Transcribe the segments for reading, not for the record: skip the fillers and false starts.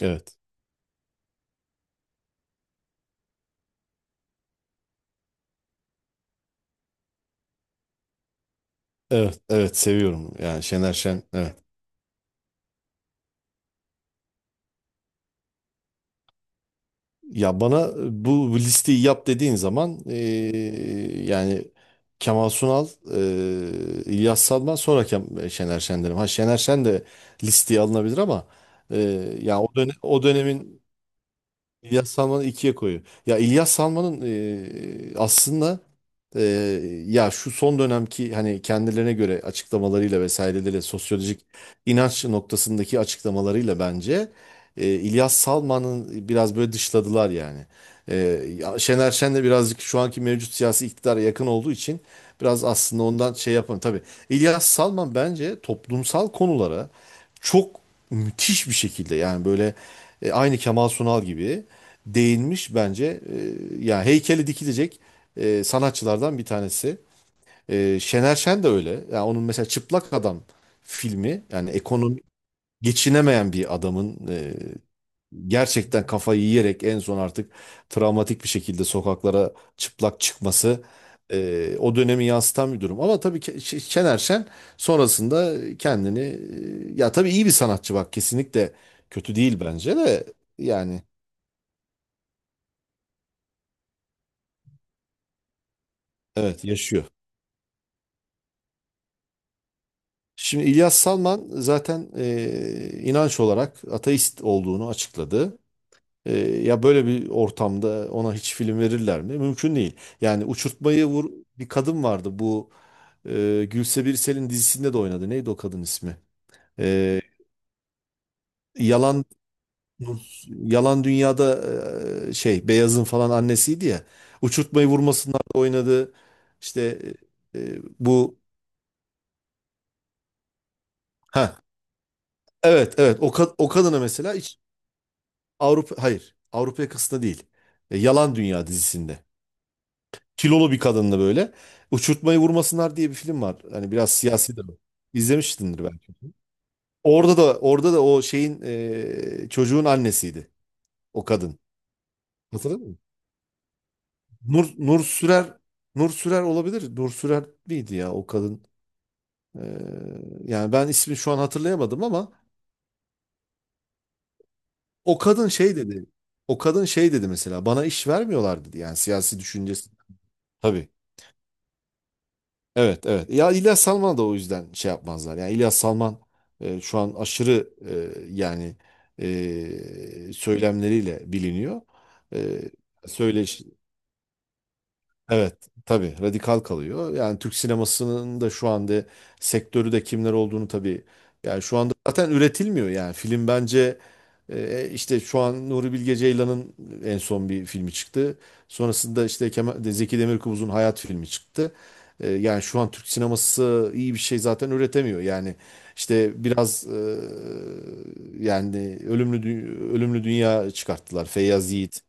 Evet. Evet. Evet. Seviyorum. Yani Şener Şen. Evet. Ya bana bu listeyi yap dediğin zaman yani Kemal Sunal, İlyas Salman sonra Şener Şen derim. Ha Şener Şen de listeye alınabilir ama ya o dönemin İlyas Salman'ı ikiye koyuyor. Ya İlyas Salman'ın aslında e, ya şu son dönemki hani kendilerine göre açıklamalarıyla vesaireleriyle sosyolojik inanç noktasındaki açıklamalarıyla bence İlyas Salman'ın biraz böyle dışladılar yani. E, Ya Şener Şen de birazcık şu anki mevcut siyasi iktidara yakın olduğu için biraz aslında ondan şey yapamıyor. Tabii İlyas Salman bence toplumsal konulara çok müthiş bir şekilde yani böyle aynı Kemal Sunal gibi değinmiş bence. Yani heykeli dikilecek sanatçılardan bir tanesi. Şener Şen de öyle. Yani onun mesela Çıplak Adam filmi yani ekonomi geçinemeyen bir adamın gerçekten kafayı yiyerek en son artık travmatik bir şekilde sokaklara çıplak çıkması o dönemi yansıtan bir durum. Ama tabii Şener Şen sonrasında kendini ya tabii iyi bir sanatçı bak, kesinlikle kötü değil bence de. Yani evet, yaşıyor. Şimdi İlyas Salman zaten inanç olarak ateist olduğunu açıkladı. Ya böyle bir ortamda ona hiç film verirler mi? Mümkün değil. Yani uçurtmayı vur, bir kadın vardı bu, Gülse Birsel'in dizisinde de oynadı. Neydi o kadın ismi? E, Yalan Yalan Dünya'da şey, Beyaz'ın falan annesiydi ya. Uçurtmayı vurmasınlar da oynadı. İşte bu, ha evet evet, o kadına mesela, Avrupa, hayır. Avrupa yakasında değil. Yalan Dünya dizisinde. Kilolu bir kadınla böyle. Uçurtmayı vurmasınlar diye bir film var. Hani biraz siyasi de bu. İzlemişsindir belki. Orada da o şeyin, çocuğun annesiydi o kadın. Hatırladın mı? Nur Sürer Nur Sürer olabilir. Nur Sürer miydi ya o kadın? E, Yani ben ismini şu an hatırlayamadım ama o kadın şey dedi. O kadın şey dedi mesela, bana iş vermiyorlar dedi. Yani siyasi düşüncesi. Tabii. Evet, evet. Ya İlyas Salman'a da o yüzden şey yapmazlar. Yani İlyas Salman şu an aşırı, yani söylemleriyle biliniyor. E, söyleş Evet, tabii radikal kalıyor. Yani Türk sinemasının da şu anda sektörü de kimler olduğunu tabii, yani şu anda zaten üretilmiyor yani film bence. İşte şu an Nuri Bilge Ceylan'ın en son bir filmi çıktı. Sonrasında işte Zeki Demirkubuz'un Hayat filmi çıktı. Yani şu an Türk sineması iyi bir şey zaten üretemiyor. Yani işte biraz, yani Ölümlü Dünya çıkarttılar. Feyyaz Yiğit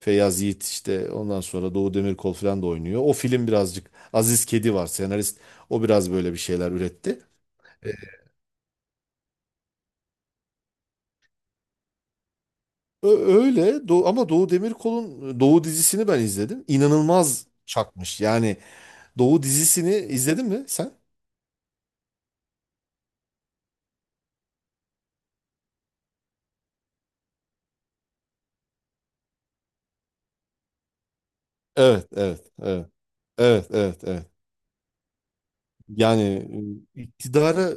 Feyyaz Yiğit işte, ondan sonra Doğu Demirkol falan da oynuyor. O film birazcık, Aziz Kedi var senarist. O biraz böyle bir şeyler üretti. E, Ö- Öyle Doğu, ama Doğu Demirkol'un Doğu dizisini ben izledim. İnanılmaz çakmış. Yani Doğu dizisini izledin mi sen? Evet, evet, evet. Evet, evet, evet. Yani e, iktidara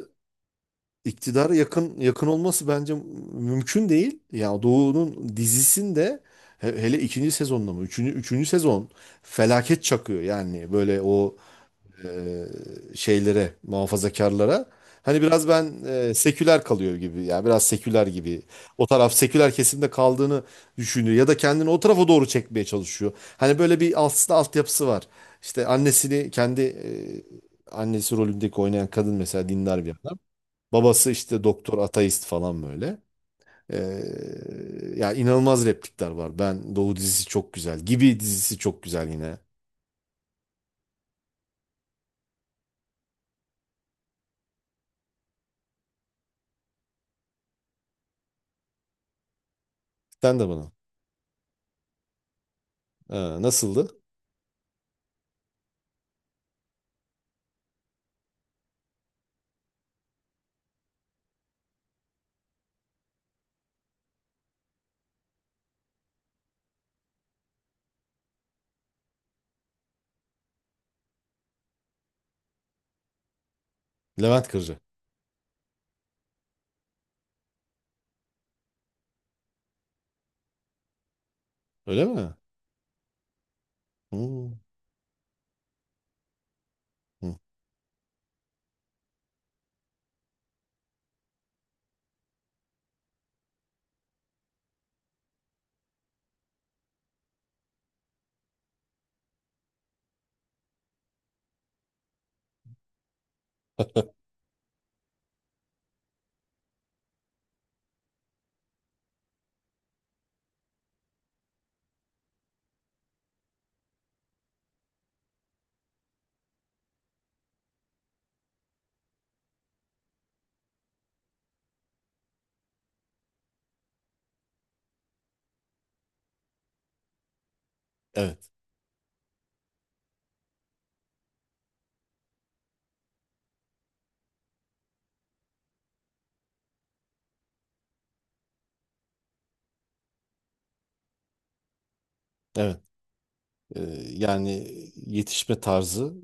iktidara yakın olması bence mümkün değil. Ya Doğu'nun dizisinde hele ikinci sezonda mı? Üçüncü sezon felaket çakıyor yani böyle o, e, şeylere, muhafazakarlara. Hani biraz ben seküler kalıyor gibi, ya biraz seküler gibi. O taraf seküler kesimde kaldığını düşünüyor ya da kendini o tarafa doğru çekmeye çalışıyor. Hani böyle bir aslında altyapısı var. İşte annesini kendi, annesi rolündeki oynayan kadın mesela, dindar bir adam. Babası işte doktor, ateist falan böyle. Ee, Ya inanılmaz replikler var. Ben, Doğu dizisi çok güzel. Gibi dizisi çok güzel yine. Sen de bana. Nasıldı? Levent Kırcı. Öyle mi? Hmm, hmm. Evet. Evet. Ee, Yani yetişme tarzı,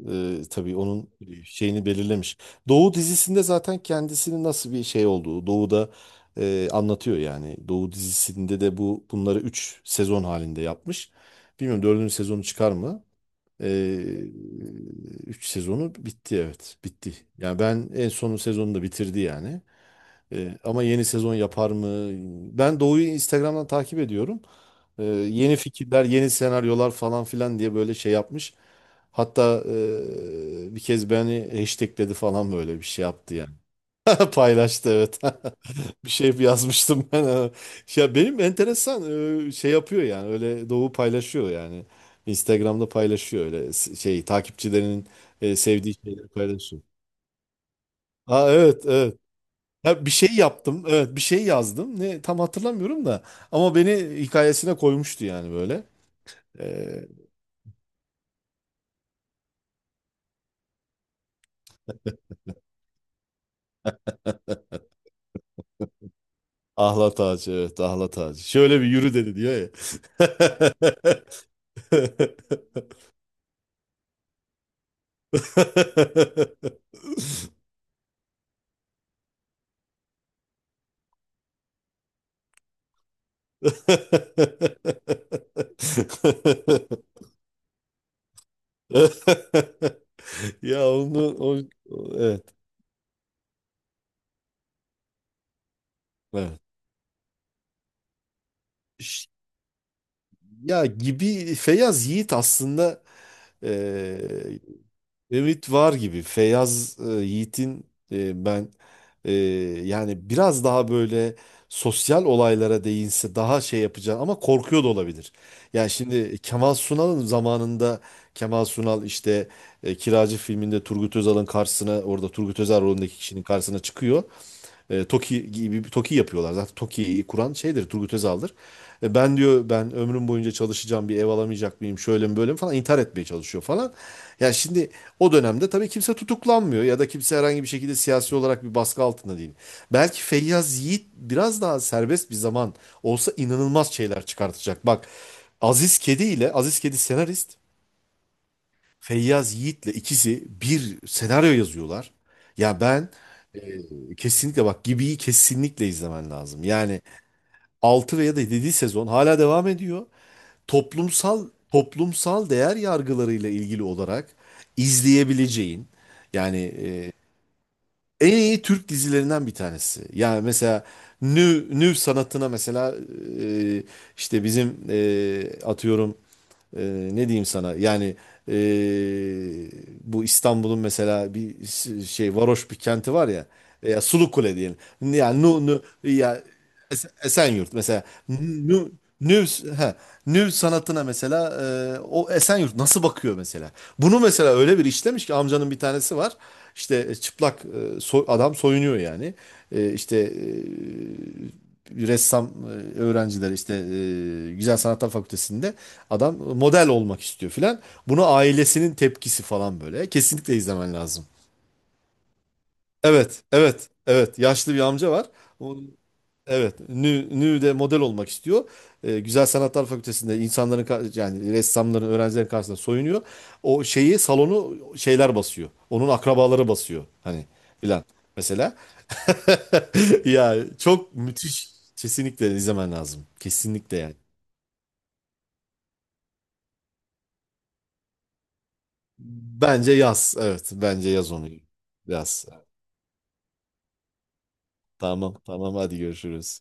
tabii onun şeyini belirlemiş. Doğu dizisinde zaten kendisinin nasıl bir şey olduğu Doğu'da anlatıyor yani. Doğu dizisinde de bunları 3 sezon halinde yapmış. Bilmiyorum, dördüncü sezonu çıkar mı? 3 sezonu bitti, evet bitti. Yani ben en son sezonu da bitirdi yani. Ama yeni sezon yapar mı? Ben Doğu'yu Instagram'dan takip ediyorum. Yeni fikirler, yeni senaryolar falan filan diye böyle şey yapmış. Hatta bir kez beni hashtagledi falan, böyle bir şey yaptı yani. Paylaştı, evet. Bir şey yazmıştım ben. Ya benim enteresan, şey yapıyor yani, öyle Doğu paylaşıyor yani. Instagram'da paylaşıyor, öyle şey takipçilerinin sevdiği şeyleri paylaşıyor. Aa evet, evet. Ya bir şey yaptım. Evet, bir şey yazdım. Ne tam hatırlamıyorum da ama beni hikayesine koymuştu yani böyle. E, Ahlat Ağacı, evet, Ahlat Ağacı. Şöyle bir yürü dedi diyor ya. Ya onu evet, evet. Ş- Ya gibi Feyyaz Yiğit aslında. Evet, var gibi. Yiğit'in, ben, e, yani biraz daha böyle sosyal olaylara değinse daha şey yapacağını, ama korkuyor da olabilir. Yani şimdi Kemal Sunal'ın zamanında Kemal Sunal işte Kiracı filminde Turgut Özal'ın karşısına, orada Turgut Özal rolündeki kişinin karşısına çıkıyor. Toki gibi bir yapıyorlar. Zaten Toki'yi kuran şeydir, Turgut Özal'dır. Ben diyor, ben ömrüm boyunca çalışacağım bir ev alamayacak mıyım, şöyle mi böyle mi falan, intihar etmeye çalışıyor falan. Yani şimdi o dönemde tabii kimse tutuklanmıyor ya da kimse herhangi bir şekilde siyasi olarak bir baskı altında değil. Belki Feyyaz Yiğit biraz daha serbest bir zaman olsa inanılmaz şeyler çıkartacak. Bak, Aziz Kedi senarist, Feyyaz Yiğit'le ikisi bir senaryo yazıyorlar. Ya ben Kesinlikle bak, Gibi'yi kesinlikle izlemen lazım. Yani 6 veya da 7. sezon hala devam ediyor. Toplumsal değer yargılarıyla ilgili olarak izleyebileceğin yani, en iyi Türk dizilerinden bir tanesi. Yani mesela nü sanatına mesela, e, işte bizim, atıyorum, e, ne diyeyim sana yani, e, bu İstanbul'un mesela bir şey varoş bir kenti var ya, Sulukule diyelim. Yani ya Esenyurt mesela, nüv, he, nüv sanatına mesela, o Esenyurt nasıl bakıyor mesela? Bunu mesela öyle bir işlemiş ki, amcanın bir tanesi var. İşte çıplak, adam soyunuyor yani. İşte bir ressam, öğrenciler işte Güzel Sanatlar Fakültesi'nde adam model olmak istiyor filan. Bunu ailesinin tepkisi falan böyle. Kesinlikle izlemen lazım. Evet, evet, evet. Yaşlı bir amca var. Evet, Nü'de model olmak istiyor. Güzel Sanatlar Fakültesi'nde insanların yani ressamların, öğrencilerin karşısında soyunuyor. O şeyi, salonu şeyler basıyor. Onun akrabaları basıyor hani filan mesela. Ya çok müthiş. Kesinlikle izlemen lazım. Kesinlikle yani. Bence yaz. Evet, bence yaz onu. Yaz. Tamam, tamam, hadi görüşürüz.